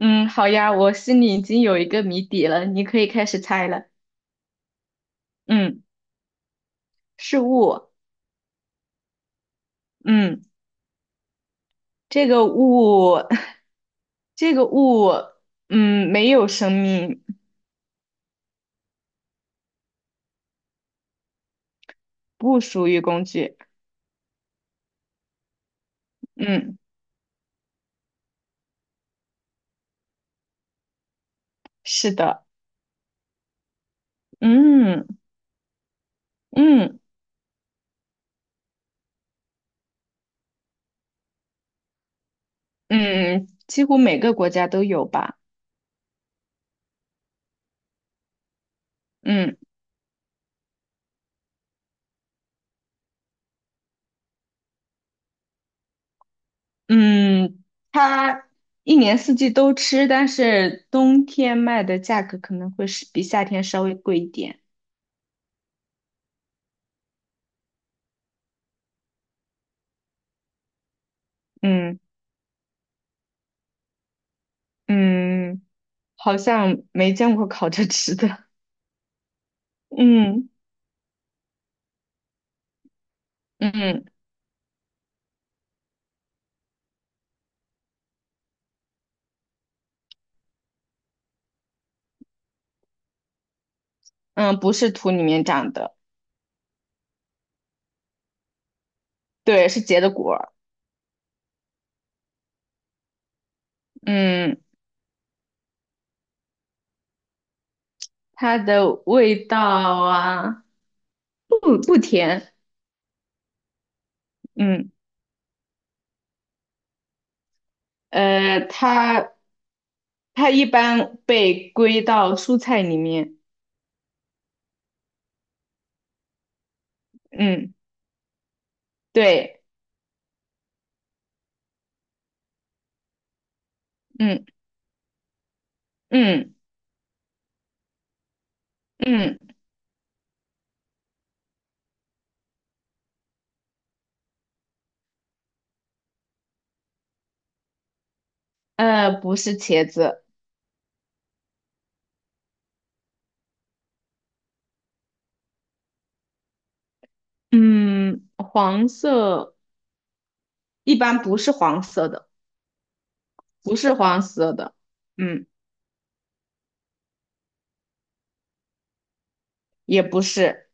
嗯，好呀，我心里已经有一个谜底了，你可以开始猜了。嗯，是物。嗯，这个物，这个物，嗯，没有生命。不属于工具。嗯，是的。嗯嗯嗯，几乎每个国家都有吧。嗯嗯，它一年四季都吃，但是冬天卖的价格可能会是比夏天稍微贵一点。嗯嗯。好像没见过烤着吃的。嗯嗯嗯，不是土里面长的。对，是结的果儿。嗯，它的味道啊，不甜。嗯，呃，它它一般被归到蔬菜里面。嗯，对，嗯嗯嗯，不是茄子。嗯，黄色一般不是黄色的，不是黄色的。嗯。也不是，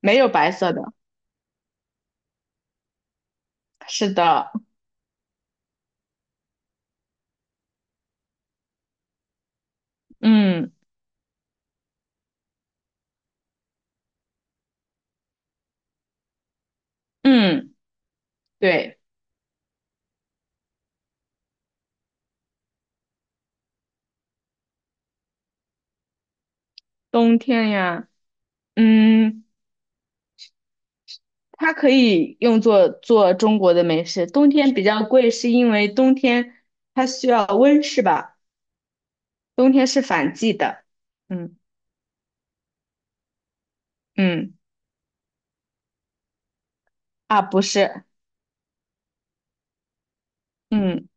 没有白色的。是的，嗯嗯，对，冬天呀，嗯，它可以用作做中国的美食。冬天比较贵，是因为冬天它需要温室吧？冬天是反季的。嗯嗯，啊，不是。嗯，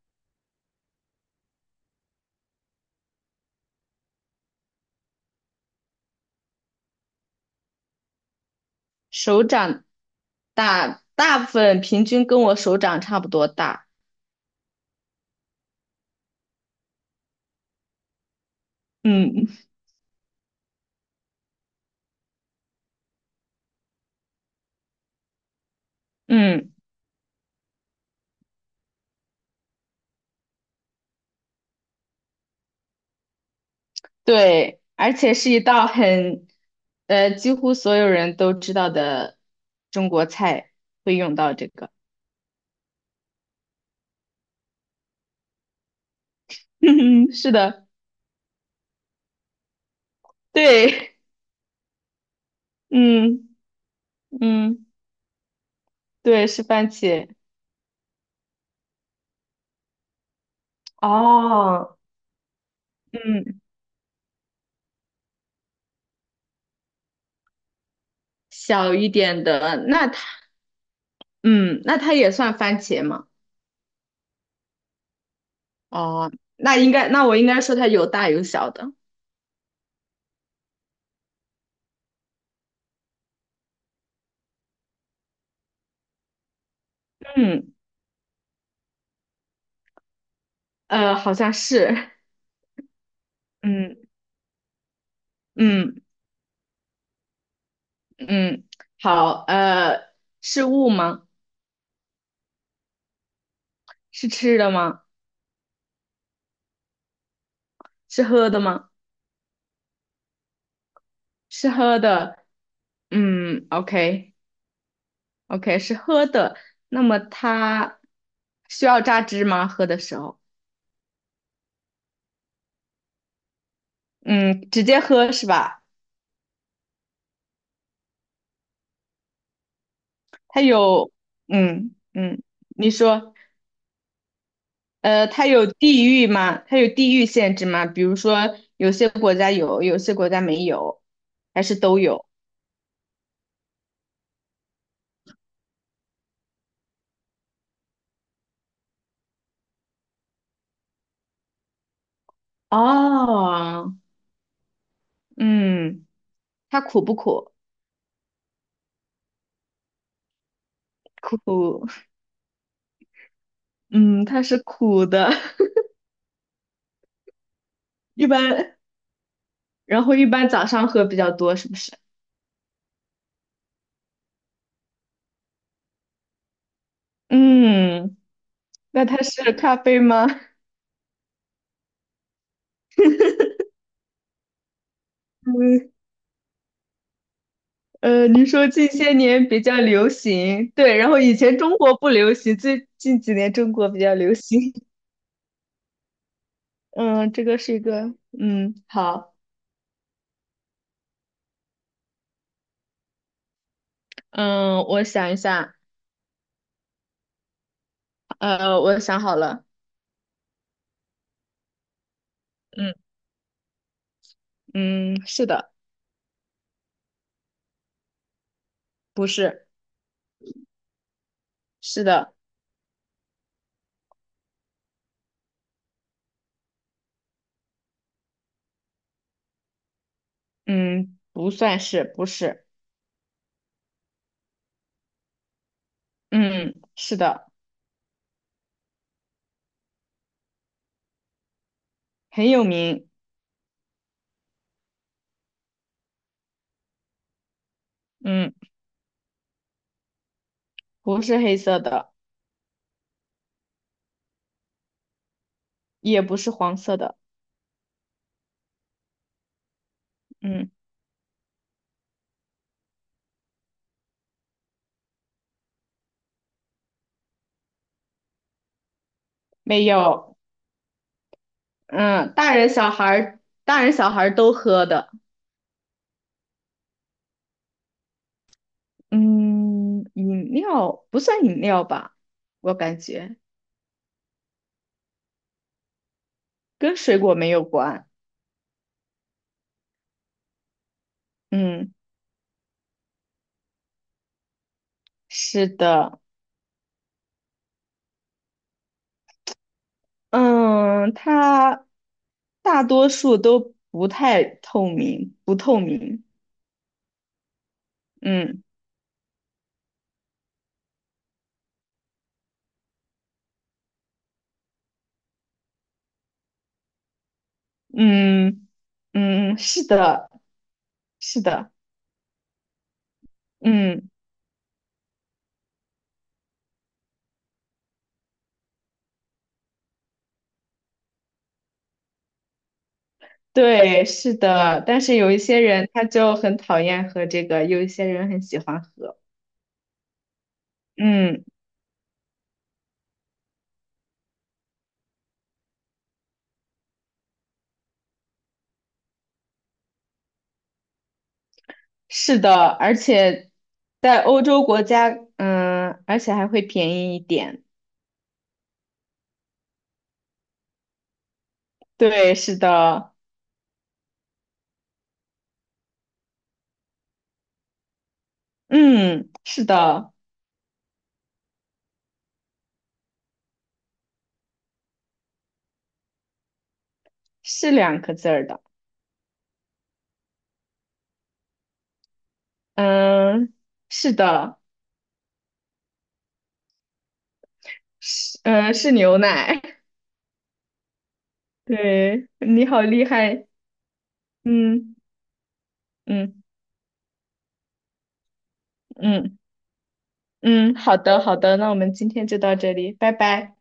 手掌大，大部分平均跟我手掌差不多大。嗯嗯。对，而且是一道很，几乎所有人都知道的中国菜会用到这个。嗯，是的，对，嗯嗯，对，是番茄。哦，嗯，小一点的，那它也算番茄吗？哦，那我应该说它有大有小的。嗯，好像是。嗯嗯嗯，好，是物吗？是吃的吗？是喝的吗？是喝的，嗯，OK OK，是喝的。那么它需要榨汁吗？喝的时候，嗯，直接喝是吧？它有，嗯嗯，你说，它有地域吗？它有地域限制吗？比如说，有些国家有，有些国家没有，还是都有？哦，嗯，它苦不苦？苦，嗯，它是苦的。一般然后一般早上喝比较多，是不是？嗯，那它是咖啡吗？嗯，你说近些年比较流行，对，然后以前中国不流行，最近几年中国比较流行。嗯，这个是一个。好，嗯，我想一下，我想好了。嗯嗯，是的。不是。是的。嗯，不算是，不是。嗯，是的。很有名。嗯，不是黑色的，也不是黄色的。嗯。没有，嗯，大人小孩儿，大人小孩儿都喝的。嗯，饮料不算饮料吧，我感觉跟水果没有关。嗯，是的。嗯，它大多数都不太透明，不透明。嗯嗯嗯，是的，是的。嗯，对，是的。但是有一些人他就很讨厌喝这个，有一些人很喜欢喝。嗯。是的，而且在欧洲国家，而且还会便宜一点。对，是的，嗯，是的。是两个字儿的。嗯，是的。是牛奶。对，你好厉害。嗯嗯嗯嗯，好的好的，那我们今天就到这里，拜拜。